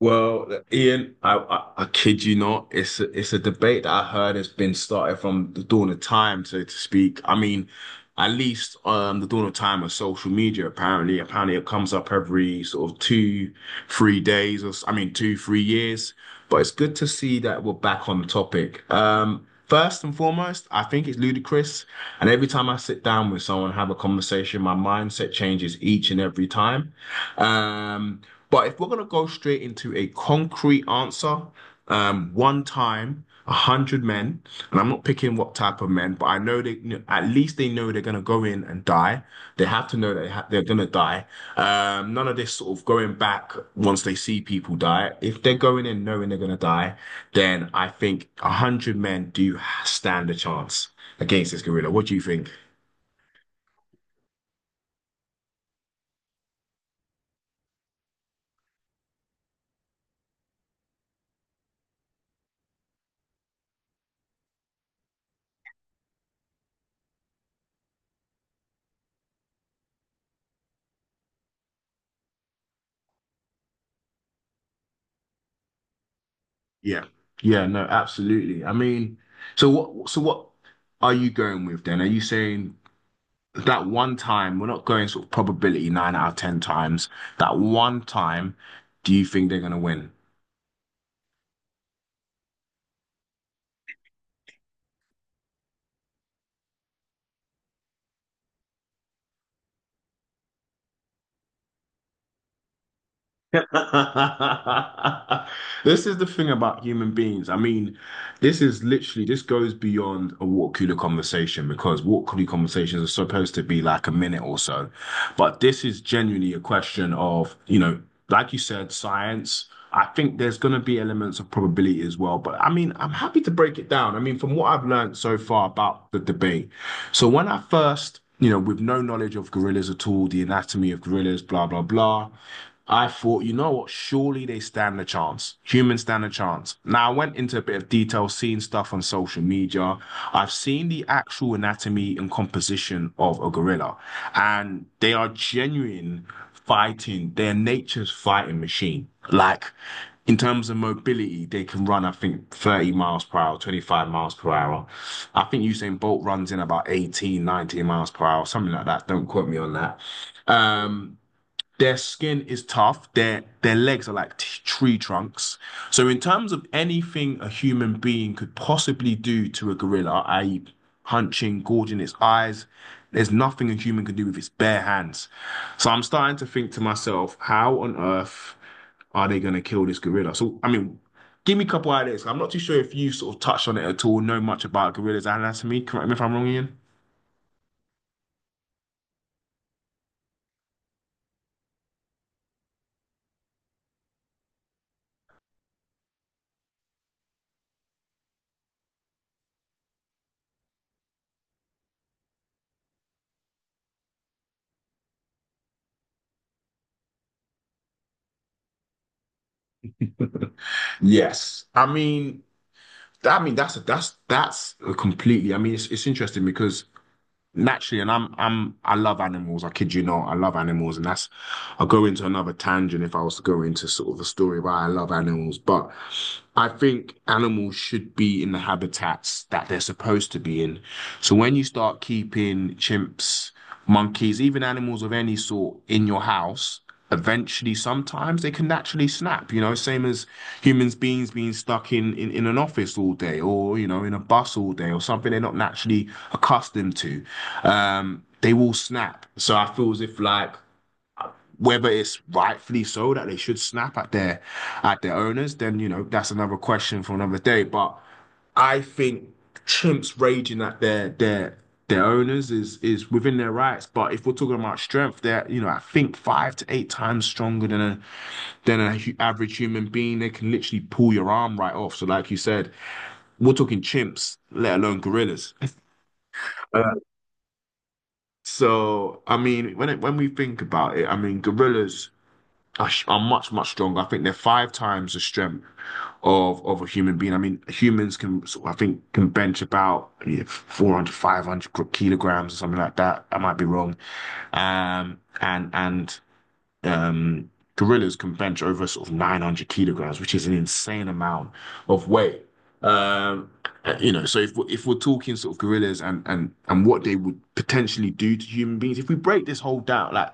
Well, Ian, I kid you not. It's a debate that I heard has been started from the dawn of time, so to speak. I mean, at least the dawn of time of social media, apparently it comes up every sort of 2-3 days, or I mean 2-3 years, but it's good to see that we're back on the topic. First and foremost, I think it's ludicrous. And every time I sit down with someone and have a conversation, my mindset changes each and every time. Um, but if we're going to go straight into a concrete answer, one time 100 men, and I'm not picking what type of men, but I know they at least they know they're gonna go in and die. They have to know they're gonna die. None of this sort of going back once they see people die. If they're going in knowing they're gonna die, then I think 100 men do stand a chance against this gorilla. What do you think? Yeah, yeah, no, absolutely. I mean, So what are you going with then? Are you saying that one time, we're not going sort of probability nine out of ten times. That one time, do you think they're gonna win? This is the thing about human beings. I mean, this is literally, this goes beyond a water cooler conversation, because water cooler conversations are supposed to be like a minute or so. But this is genuinely a question of, you know, like you said, science. I think there's going to be elements of probability as well. But I mean, I'm happy to break it down. I mean, from what I've learned so far about the debate. So when I first, you know, with no knowledge of gorillas at all, the anatomy of gorillas, blah, blah, blah, I thought, you know what? Surely they stand a chance. Humans stand a chance. Now, I went into a bit of detail, seeing stuff on social media. I've seen the actual anatomy and composition of a gorilla, and they are genuine fighting. They're nature's fighting machine. Like, in terms of mobility, they can run, I think, 30 miles per hour, 25 miles per hour. I think Usain Bolt runs in about 18, 19 miles per hour, something like that. Don't quote me on that. Um, their skin is tough. Their legs are like tree trunks. So in terms of anything a human being could possibly do to a gorilla, i.e., punching, gouging its eyes, there's nothing a human can do with its bare hands. So I'm starting to think to myself, how on earth are they going to kill this gorilla? So I mean, give me a couple ideas. I'm not too sure if you sort of touched on it at all, know much about gorilla's anatomy. Correct me if I'm wrong, Ian. Yes. I mean, that's completely. I mean, it's interesting because naturally, and I love animals. I kid you not, I love animals, and that's I'll go into another tangent if I was to go into sort of a story why I love animals. But I think animals should be in the habitats that they're supposed to be in. So when you start keeping chimps, monkeys, even animals of any sort in your house, eventually sometimes they can naturally snap, you know, same as humans beings being stuck in an office all day, or, you know, in a bus all day, or something they're not naturally accustomed to. They will snap. So I feel as if like whether it's rightfully so that they should snap at their owners, then you know that's another question for another day. But I think chimps raging at their owners is within their rights. But if we're talking about strength, they're, you know, I think five to eight times stronger than a than an average human being. They can literally pull your arm right off. So like you said, we're talking chimps, let alone gorillas. Uh, so I mean, when we think about it, I mean gorillas are, are much stronger. I think they're five times the strength of a human being. I mean, humans can I think can bench about, yeah, 400, 500 kilograms or something like that. I might be wrong. And um, gorillas can bench over sort of 900 kilograms, which is an insane amount of weight. Um, you know, so if we're talking sort of gorillas, and what they would potentially do to human beings, if we break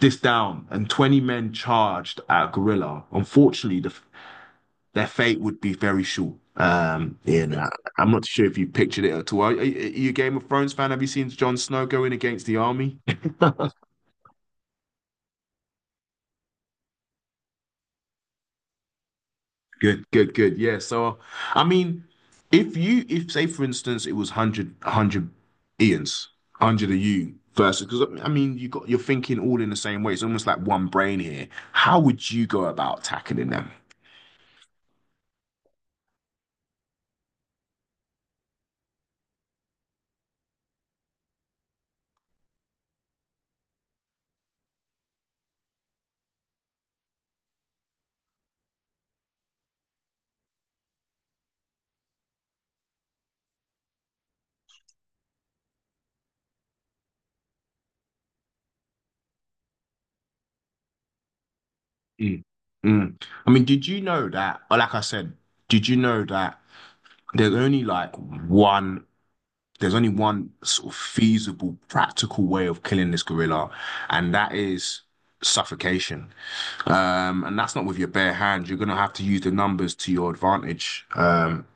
this down, and 20 men charged at a gorilla, unfortunately, their fate would be very short. You know, I'm not sure if you pictured it at all. Are you a Game of Thrones fan? Have you seen Jon Snow going against the army? Good, good, good. Yeah. So, I mean, if, say, for instance, it was Ian's, 100 of you versus, because I mean, you're thinking all in the same way. It's almost like one brain here. How would you go about tackling them? Mm. Mm. I mean, did you know that, or like I said, did you know that there's only like one there's only one sort of feasible, practical way of killing this gorilla, and that is suffocation. And that's not with your bare hands. You're going to have to use the numbers to your advantage. Um,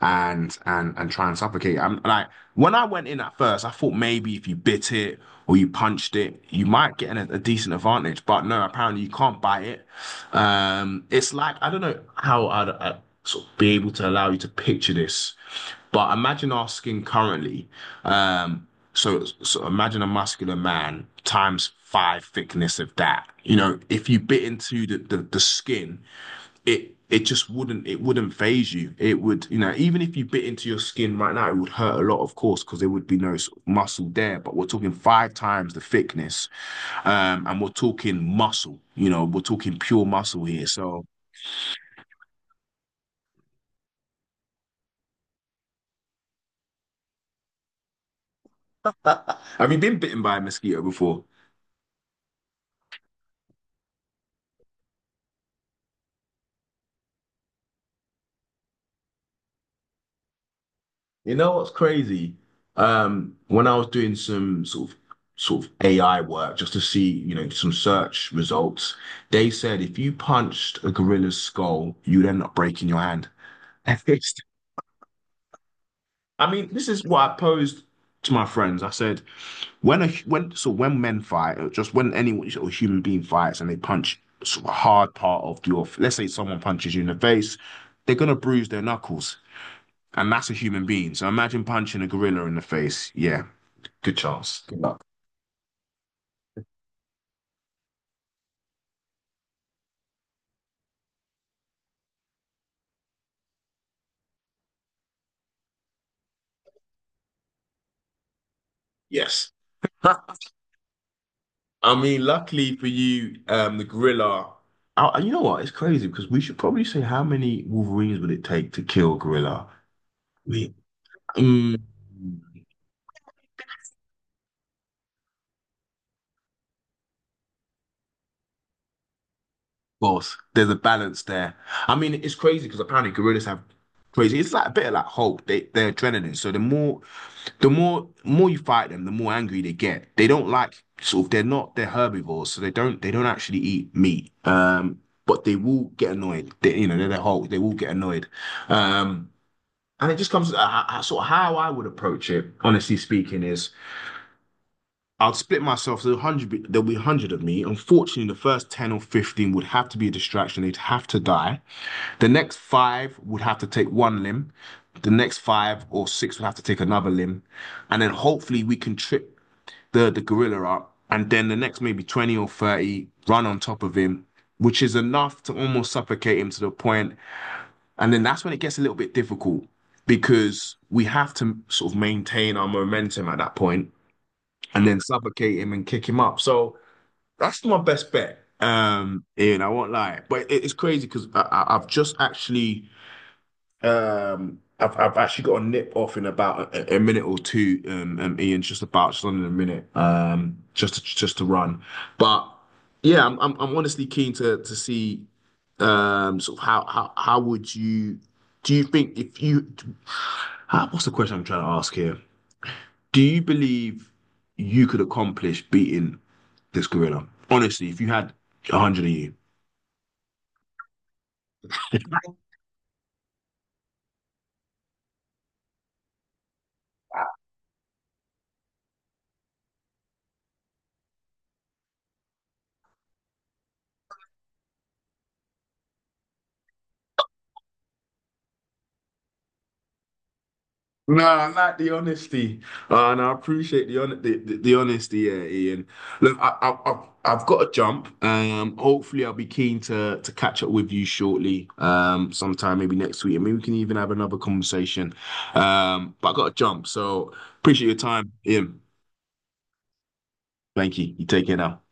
and and and try and suffocate. I'm like when I went in at first, I thought maybe if you bit it or you punched it, you might get a decent advantage. But no, apparently you can't bite it. It's like I don't know how I'd sort of be able to allow you to picture this, but imagine our skin currently. Um, so imagine a muscular man times five thickness of that. You know, if you bit into the skin, it just wouldn't phase you. It would, you know, even if you bit into your skin right now, it would hurt a lot, of course, because there would be no sort of muscle there. But we're talking five times the thickness, and we're talking muscle. You know, we're talking pure muscle here. So, have you been bitten by a mosquito before? You know what's crazy? When I was doing some sort of AI work just to see, you know, some search results, they said if you punched a gorilla's skull, you'd end up breaking your hand. I mean, this is what I posed to my friends. I said, when men fight, or just when any or human being fights, and they punch sort of a hard part of your, let's say someone punches you in the face, they're gonna bruise their knuckles, and that's a human being. So imagine punching a gorilla in the face. Yeah, good chance. Good luck. Yes. I mean, luckily for you, the gorilla. You know what? It's crazy because we should probably say, how many Wolverines would it take to kill a gorilla? We, um, both. There's a balance there. I mean, it's crazy because apparently gorillas have crazy. It's like a bit of like Hulk. They're adrenaline. So the more you fight them, the more angry they get. They don't like sort of they're herbivores, so they don't actually eat meat. But they will get annoyed. They, you know, they're the Hulk. They will get annoyed. Um, and it just comes sort of how I would approach it. Honestly speaking, is I'll split myself. So 100, there'll be 100 of me. Unfortunately, the first 10 or 15 would have to be a distraction. They'd have to die. The next five would have to take one limb. The next five or six would have to take another limb. And then hopefully we can trip the gorilla up. And then the next maybe 20 or 30 run on top of him, which is enough to almost suffocate him to the point. And then that's when it gets a little bit difficult because we have to sort of maintain our momentum at that point and then suffocate him and kick him up. So that's my best bet. Ian, I won't lie, but it's crazy because I've just actually, I've actually got a nip off in about a minute or two, Ian, just about just under a minute, just to, run. But yeah, I'm honestly keen to see, sort of, how would you, do you think if you, what's the question I'm trying to ask here? Do you believe you could accomplish beating this gorilla? Honestly, if you had 100 of you. No, I like the honesty, and I appreciate the honesty, yeah, Ian. Look, I've got to jump. Hopefully, I'll be keen to catch up with you shortly, sometime maybe next week, and maybe we can even have another conversation. But I got to jump, so appreciate your time, Ian. Thank you. You take care now.